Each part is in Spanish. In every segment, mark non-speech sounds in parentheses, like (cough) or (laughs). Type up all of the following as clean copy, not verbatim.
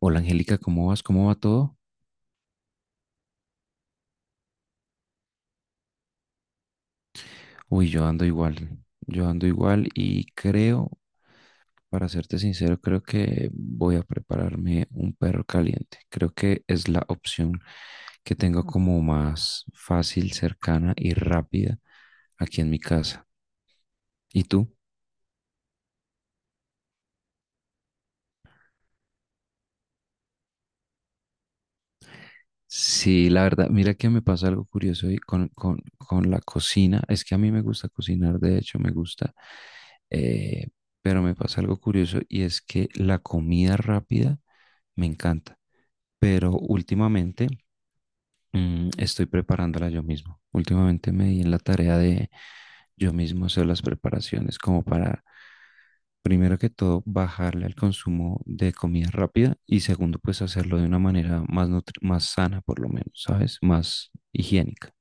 Hola Angélica, ¿cómo vas? ¿Cómo va todo? Uy, yo ando igual y creo, para serte sincero, creo que voy a prepararme un perro caliente. Creo que es la opción que tengo como más fácil, cercana y rápida aquí en mi casa. ¿Y tú? Sí, la verdad, mira que me pasa algo curioso hoy con la cocina. Es que a mí me gusta cocinar, de hecho, me gusta, eh, pero me pasa algo curioso y es que la comida rápida me encanta, pero últimamente estoy preparándola yo mismo. Últimamente me di en la tarea de yo mismo hacer las preparaciones como para, primero que todo, bajarle al consumo de comida rápida y segundo, pues hacerlo de una manera más, más sana, por lo menos, ¿sabes? Más higiénica.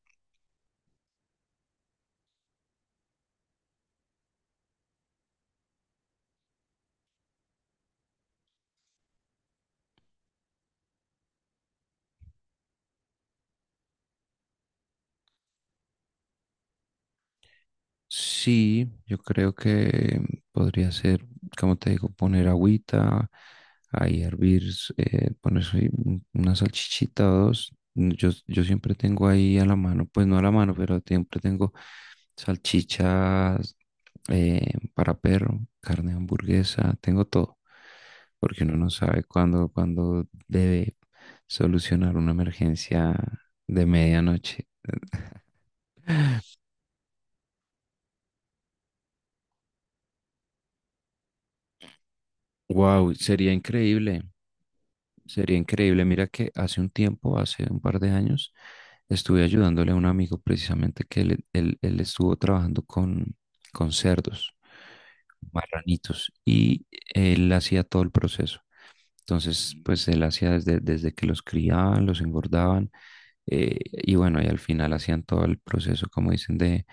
Sí, yo creo que podría ser, como te digo, poner agüita, ahí hervir, poner ahí una salchichita o dos. Mm, Yo siempre tengo ahí a la mano, pues no a la mano, pero siempre tengo salchichas, para perro, carne de hamburguesa, tengo todo, porque uno no sabe cuándo debe solucionar una emergencia de medianoche. Wow, sería increíble. Sería increíble. Mira que hace un tiempo, hace un par de años, estuve ayudándole a un amigo precisamente que él estuvo trabajando con cerdos, marranitos, y él hacía todo el proceso. Entonces, pues él hacía desde que los criaban, los engordaban, y bueno, y al final hacían todo el proceso, como dicen,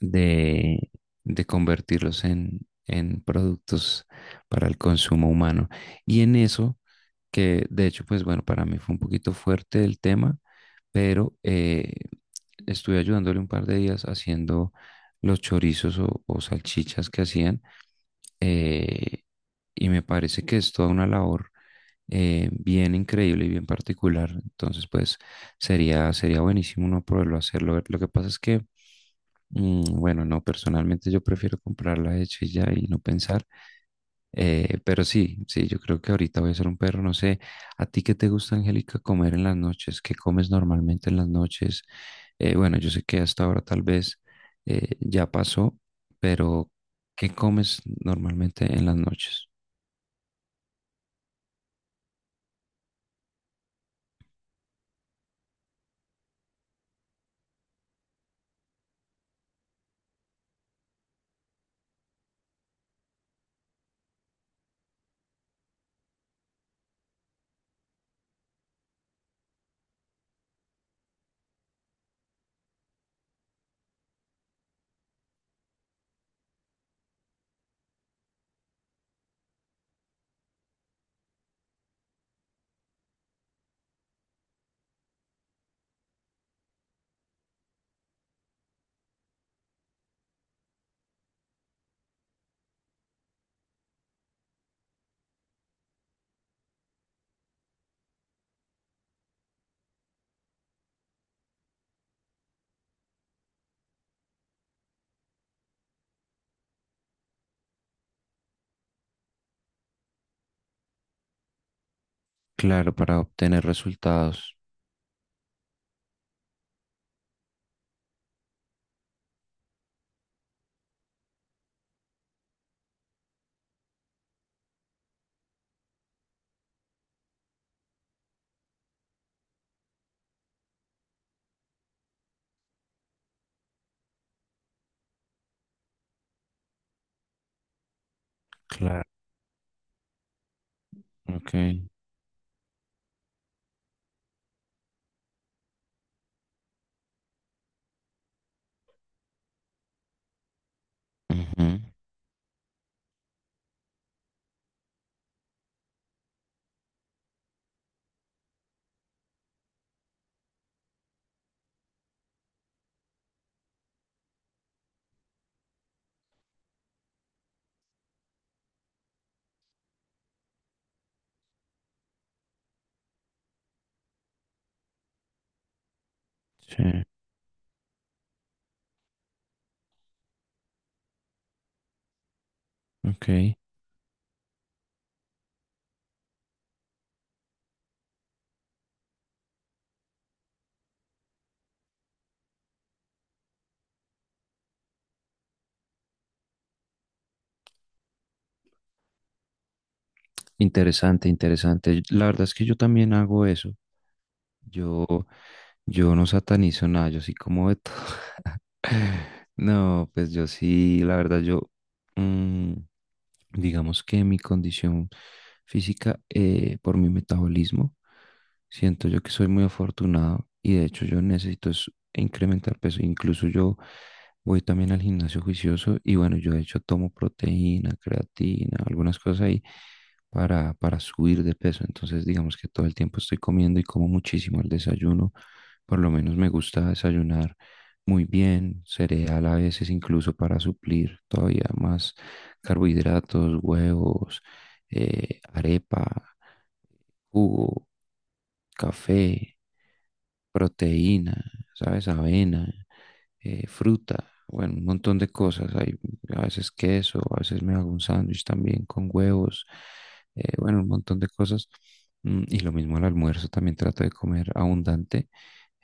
de, de convertirlos en productos para el consumo humano. Y en eso, que de hecho, pues bueno, para mí fue un poquito fuerte el tema, pero estuve ayudándole un par de días haciendo los chorizos o salchichas que hacían. eh, y me parece que es toda una labor bien increíble y bien particular. Entonces, pues sería buenísimo uno poderlo hacerlo. Lo que pasa es que bueno, no, personalmente yo prefiero comprarla hecha y ya y no pensar, pero sí, sí, yo creo que ahorita voy a ser un perro, no sé, ¿a ti qué te gusta, Angélica, comer en las noches? ¿Qué comes normalmente en las noches? Bueno, yo sé que hasta ahora tal vez ya pasó, pero ¿qué comes normalmente en las noches? Claro, para obtener resultados. Claro, ok. Ujú. Sí, ok. Interesante, interesante. La verdad es que yo también hago eso. Yo, yo no satanizo nada, yo sí como de todo. (laughs) No, pues yo sí, la verdad, yo, mm, digamos que mi condición física, por mi metabolismo, siento yo que soy muy afortunado y de hecho yo necesito es incrementar peso. Incluso yo voy también al gimnasio juicioso y bueno, yo de hecho tomo proteína, creatina, algunas cosas ahí para subir de peso. Entonces, digamos que todo el tiempo estoy comiendo y como muchísimo el desayuno. Por lo menos me gusta desayunar muy bien, cereal a veces incluso para suplir todavía más carbohidratos, huevos, arepa, jugo, café, proteína, ¿sabes? Avena, fruta, bueno, un montón de cosas. Hay a veces queso, a veces me hago un sándwich también con huevos, bueno, un montón de cosas. Y lo mismo al almuerzo, también trato de comer abundante,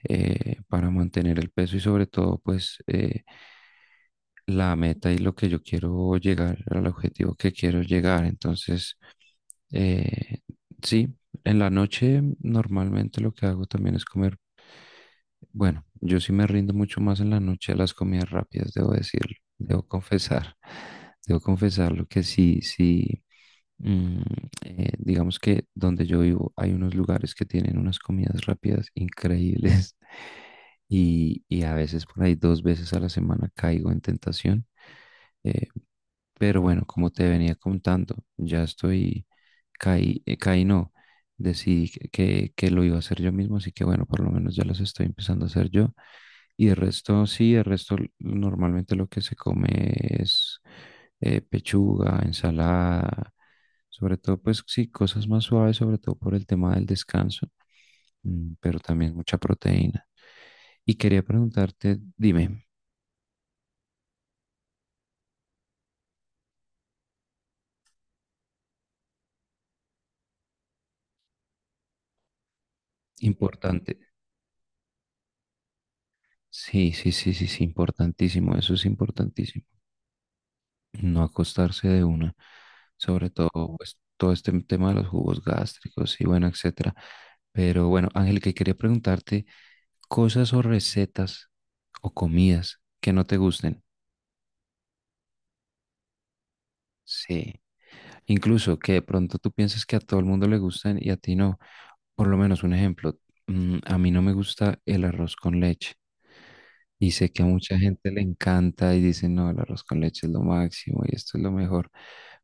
para mantener el peso y sobre todo, pues, la meta y lo que yo quiero llegar, al objetivo que quiero llegar. Entonces, eh, sí, en la noche normalmente lo que hago también es comer. Bueno, yo sí me rindo mucho más en la noche a las comidas rápidas, debo decirlo, debo confesar, (laughs) debo confesarlo que sí, sí, mm, digamos que donde yo vivo hay unos lugares que tienen unas comidas rápidas increíbles (laughs) y a veces por ahí dos veces a la semana caigo en tentación, eh, pero bueno, como te venía contando, ya estoy, caí, caí no, decidí que lo iba a hacer yo mismo, así que bueno, por lo menos ya los estoy empezando a hacer yo. Y el resto, sí, el resto normalmente lo que se come es pechuga, ensalada, sobre todo pues sí, cosas más suaves, sobre todo por el tema del descanso, pero también mucha proteína. Y quería preguntarte, dime, importante. Sí, sí, sí, sí, sí, importantísimo, eso es importantísimo. No acostarse de una, sobre todo pues, todo este tema de los jugos gástricos y bueno, etcétera. Pero bueno, Ángel, que quería preguntarte cosas o recetas o comidas que no te gusten. Sí, incluso que de pronto tú piensas que a todo el mundo le gustan y a ti no. Por lo menos un ejemplo, a mí no me gusta el arroz con leche. Y sé que a mucha gente le encanta y dice, no, el arroz con leche es lo máximo y esto es lo mejor.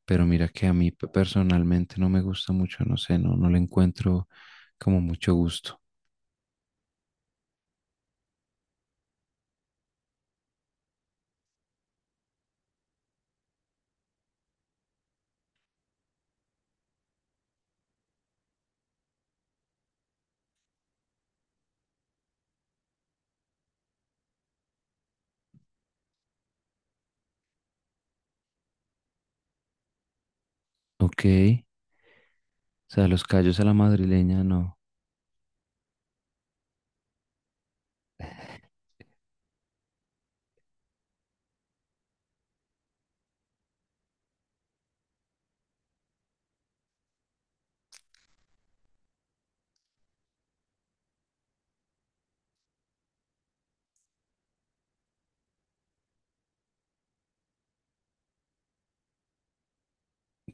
Pero mira que a mí personalmente no me gusta mucho, no sé, no, no le encuentro como mucho gusto. Ok, o sea, los callos a la madrileña, no.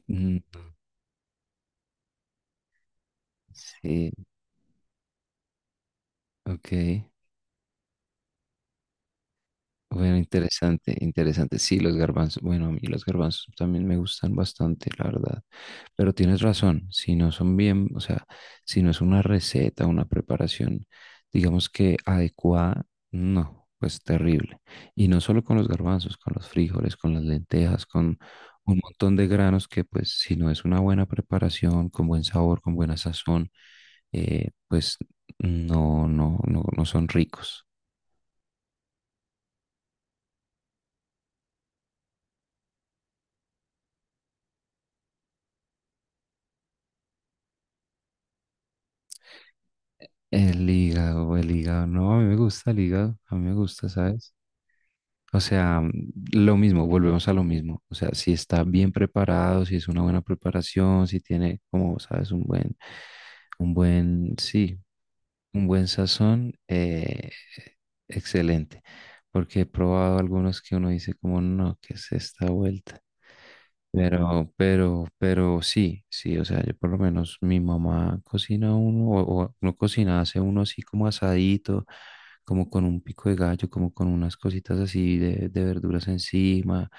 Mm, sí, ok. Bueno, interesante, interesante. Sí, los garbanzos, bueno, a mí los garbanzos también me gustan bastante, la verdad. Pero tienes razón, si no son bien, o sea, si no es una receta, una preparación, digamos que adecuada, no, pues terrible. Y no solo con los garbanzos, con los frijoles, con las lentejas, con un montón de granos que pues si no es una buena preparación, con buen sabor, con buena sazón, pues no, no, no, no son ricos. El hígado, no, a mí me gusta el hígado, a mí me gusta, ¿sabes? O sea, lo mismo, volvemos a lo mismo. O sea, si está bien preparado, si es una buena preparación, si tiene, como sabes, un buen, sí, un buen sazón, excelente, porque he probado algunos que uno dice como, no, ¿qué es esta vuelta? Pero sí, sí, o sea, yo por lo menos mi mamá cocina uno, o no cocina, hace uno así como asadito, como con un pico de gallo, como con unas cositas así de verduras encima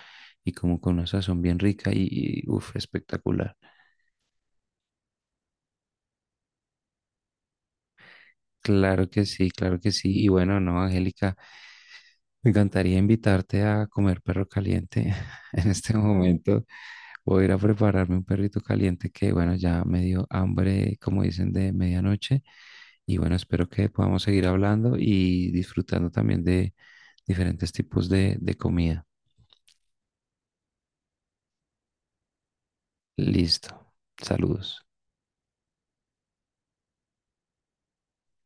y como con una sazón bien rica y, uff, espectacular. Claro que sí, claro que sí. Y bueno, no, Angélica. Me encantaría invitarte a comer perro caliente. (laughs) En este momento voy a ir a prepararme un perrito caliente que, bueno, ya me dio hambre, como dicen, de medianoche. Y bueno, espero que podamos seguir hablando y disfrutando también de diferentes tipos de comida. Listo. Saludos.